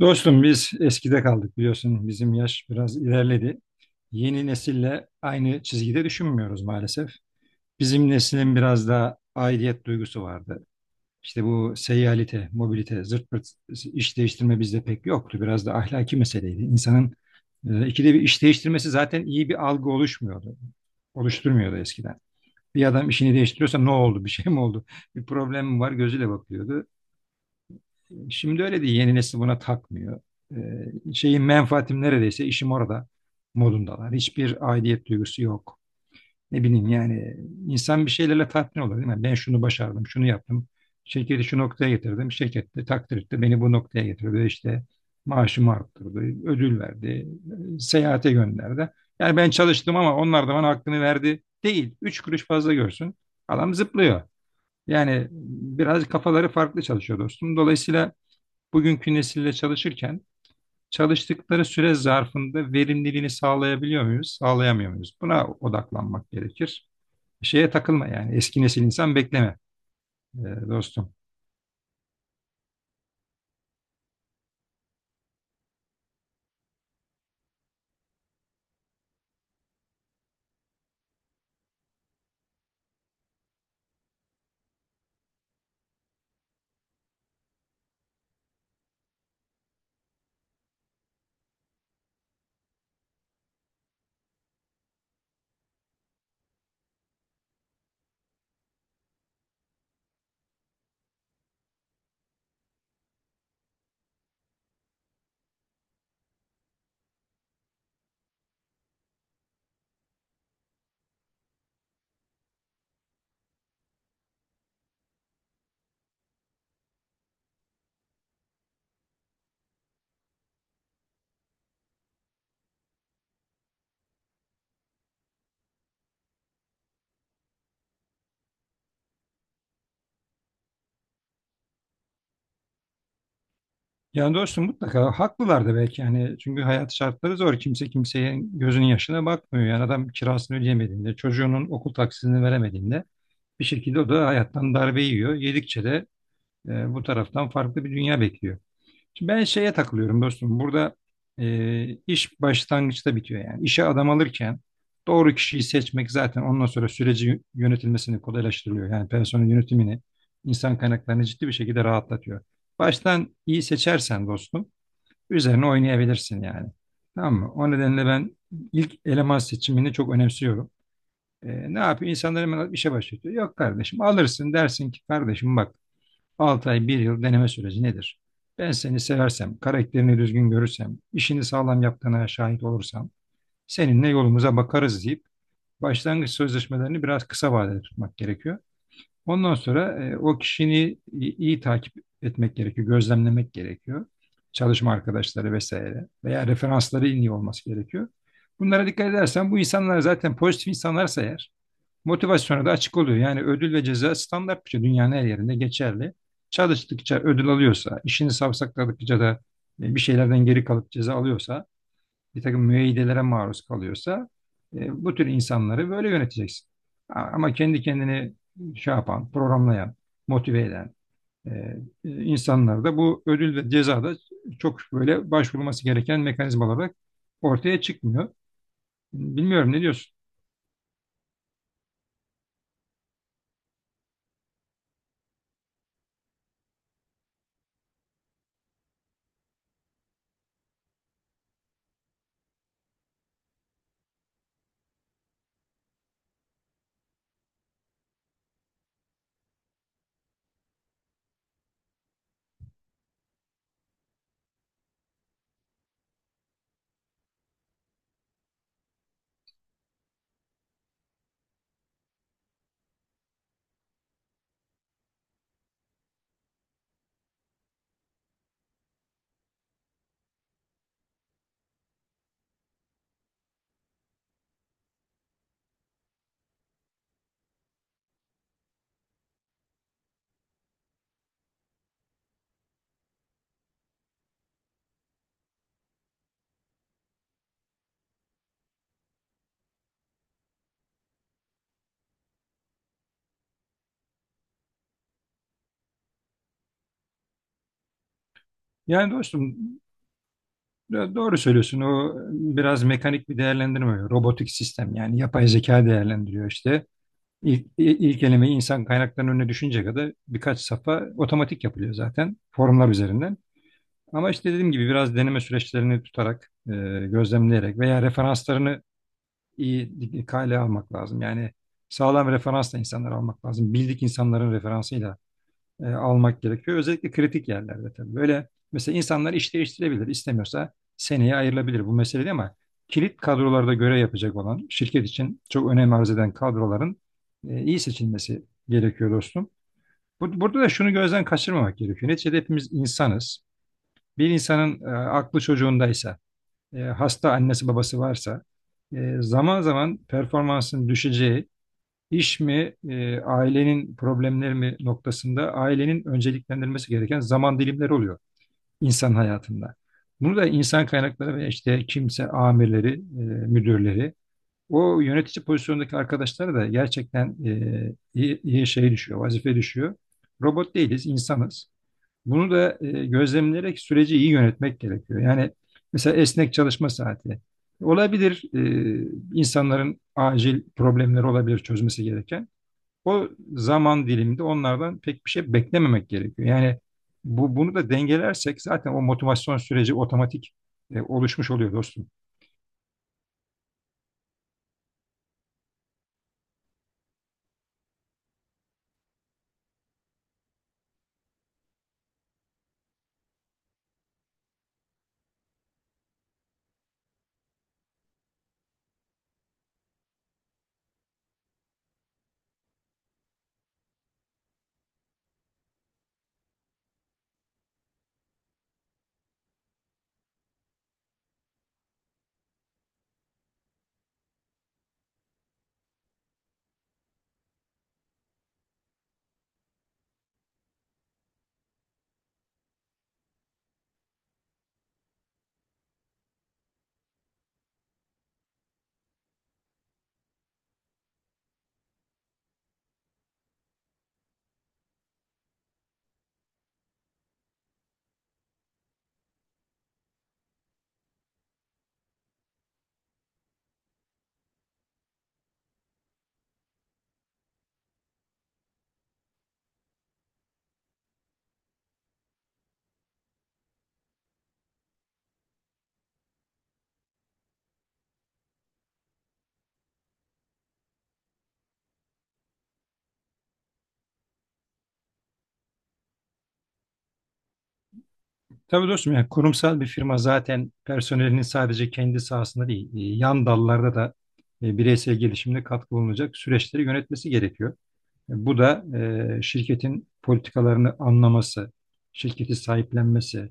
Dostum biz eskide kaldık biliyorsun bizim yaş biraz ilerledi. Yeni nesille aynı çizgide düşünmüyoruz maalesef. Bizim neslin biraz daha aidiyet duygusu vardı. İşte bu seyyalite, mobilite, zırt pırt iş değiştirme bizde pek yoktu. Biraz da ahlaki meseleydi. İnsanın ikide bir iş değiştirmesi zaten iyi bir algı oluşmuyordu. Oluşturmuyordu eskiden. Bir adam işini değiştiriyorsa ne oldu, bir şey mi oldu, bir problem mi var gözüyle bakıyordu. Şimdi öyle değil. Yeni nesil buna takmıyor. Şeyin menfaatim neredeyse işim orada modundalar. Hiçbir aidiyet duygusu yok. Ne bileyim yani insan bir şeylerle tatmin olur değil mi? Ben şunu başardım, şunu yaptım. Şirketi şu noktaya getirdim. Şirket de takdir etti. Beni bu noktaya getirdi. İşte maaşımı arttırdı, ödül verdi, seyahate gönderdi. Yani ben çalıştım ama onlar da bana hakkını verdi değil. Üç kuruş fazla görsün. Adam zıplıyor. Yani biraz kafaları farklı çalışıyor dostum. Dolayısıyla bugünkü nesille çalışırken çalıştıkları süre zarfında verimliliğini sağlayabiliyor muyuz, sağlayamıyor muyuz? Buna odaklanmak gerekir. Şeye takılma yani eski nesil insan bekleme e, dostum. Yani dostum mutlaka haklılar da belki yani çünkü hayat şartları zor. Kimse kimseye gözünün yaşına bakmıyor. Yani adam kirasını ödeyemediğinde, çocuğunun okul taksisini veremediğinde bir şekilde o da hayattan darbe yiyor. Yedikçe de bu taraftan farklı bir dünya bekliyor. Şimdi ben şeye takılıyorum dostum. Burada iş başlangıçta bitiyor yani. İşe adam alırken doğru kişiyi seçmek zaten ondan sonra süreci yönetilmesini kolaylaştırıyor. Yani personel yönetimini, insan kaynaklarını ciddi bir şekilde rahatlatıyor. Baştan iyi seçersen dostum üzerine oynayabilirsin yani. Tamam mı? O nedenle ben ilk eleman seçimini çok önemsiyorum. E, Ne yapıyor? İnsanlar hemen işe başlatıyor. Yok kardeşim alırsın dersin ki kardeşim bak 6 ay bir yıl deneme süreci nedir? Ben seni seversem, karakterini düzgün görürsem, işini sağlam yaptığına şahit olursam, seninle yolumuza bakarız deyip başlangıç sözleşmelerini biraz kısa vadede tutmak gerekiyor. Ondan sonra o kişini iyi takip etmek gerekiyor, gözlemlemek gerekiyor. Çalışma arkadaşları vesaire veya referansları iyi olması gerekiyor. Bunlara dikkat edersen bu insanlar zaten pozitif insanlarsa eğer motivasyona da açık oluyor. Yani ödül ve ceza standart bir şey. Dünyanın her yerinde geçerli. Çalıştıkça ödül alıyorsa, işini savsakladıkça da bir şeylerden geri kalıp ceza alıyorsa, bir takım müeyyidelere maruz kalıyorsa bu tür insanları böyle yöneteceksin. Ama kendi kendini şey yapan, programlayan, motive eden e, insanlar da bu ödül ve ceza da çok böyle başvurulması gereken mekanizmalar olarak ortaya çıkmıyor. Bilmiyorum ne diyorsun? Yani dostum doğru söylüyorsun. O biraz mekanik bir değerlendirme. Robotik sistem yani yapay zeka değerlendiriyor işte. İlk, i- ilk elemeyi insan kaynaklarının önüne düşünce kadar birkaç safha otomatik yapılıyor zaten formlar üzerinden. Ama işte dediğim gibi biraz deneme süreçlerini tutarak, gözlemleyerek veya referanslarını iyi kale almak lazım. Yani sağlam referansla insanları almak lazım. Bildik insanların referansı almak gerekiyor. Özellikle kritik yerlerde tabii. Böyle mesela insanlar iş değiştirebilir. İstemiyorsa seneye ayrılabilir bu mesele değil ama kilit kadrolarda görev yapacak olan şirket için çok önem arz eden kadroların iyi seçilmesi gerekiyor dostum. Burada da şunu gözden kaçırmamak gerekiyor. Neticede hepimiz insanız. Bir insanın aklı çocuğundaysa, hasta annesi babası varsa zaman zaman performansın düşeceği İş mi, ailenin problemleri mi noktasında ailenin önceliklendirmesi gereken zaman dilimleri oluyor insan hayatında. Bunu da insan kaynakları ve işte kimse amirleri, müdürleri, o yönetici pozisyondaki arkadaşlara da gerçekten iyi şey düşüyor, vazife düşüyor. Robot değiliz, insanız. Bunu da gözlemleyerek süreci iyi yönetmek gerekiyor. Yani mesela esnek çalışma saati. Olabilir, insanların acil problemleri olabilir çözmesi gereken. O zaman diliminde onlardan pek bir şey beklememek gerekiyor. Yani bunu da dengelersek zaten o motivasyon süreci otomatik oluşmuş oluyor dostum. Tabii dostum yani kurumsal bir firma zaten personelinin sadece kendi sahasında değil, yan dallarda da bireysel gelişimde katkı bulunacak süreçleri yönetmesi gerekiyor. Bu da şirketin politikalarını anlaması, şirketi sahiplenmesi.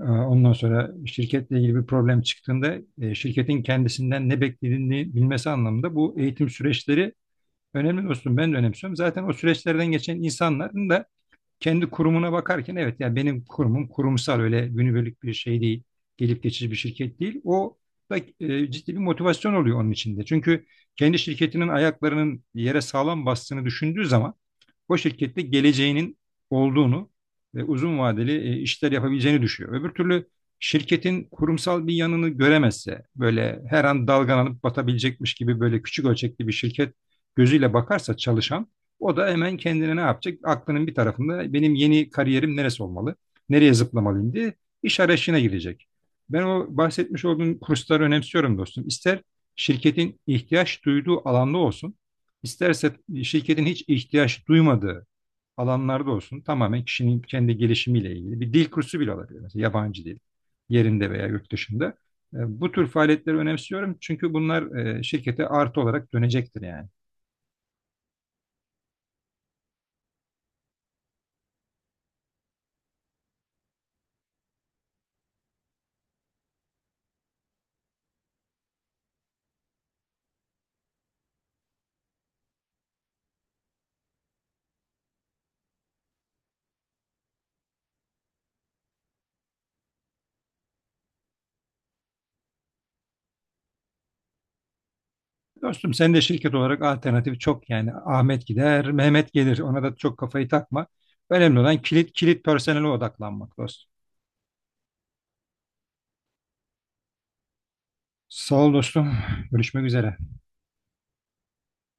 Ondan sonra şirketle ilgili bir problem çıktığında şirketin kendisinden ne beklediğini bilmesi anlamında bu eğitim süreçleri önemli dostum. Ben de önemsiyorum. Zaten o süreçlerden geçen insanların da kendi kurumuna bakarken evet yani benim kurumum kurumsal öyle günübirlik bir şey değil. Gelip geçici bir şirket değil. O da ciddi bir motivasyon oluyor onun içinde. Çünkü kendi şirketinin ayaklarının yere sağlam bastığını düşündüğü zaman o şirkette geleceğinin olduğunu ve uzun vadeli işler yapabileceğini düşünüyor. Öbür türlü şirketin kurumsal bir yanını göremezse böyle her an dalgalanıp batabilecekmiş gibi böyle küçük ölçekli bir şirket gözüyle bakarsa çalışan o da hemen kendine ne yapacak? Aklının bir tarafında benim yeni kariyerim neresi olmalı? Nereye zıplamalıyım diye iş arayışına girecek. Ben o bahsetmiş olduğum kursları önemsiyorum dostum. İster şirketin ihtiyaç duyduğu alanda olsun, isterse şirketin hiç ihtiyaç duymadığı alanlarda olsun. Tamamen kişinin kendi gelişimiyle ilgili bir dil kursu bile olabilir. Mesela yabancı dil yerinde veya yurt dışında. Bu tür faaliyetleri önemsiyorum çünkü bunlar şirkete artı olarak dönecektir yani. Dostum sen de şirket olarak alternatif çok yani Ahmet gider, Mehmet gelir. Ona da çok kafayı takma. Önemli olan kilit personele odaklanmak dostum. Sağ ol dostum. Görüşmek üzere.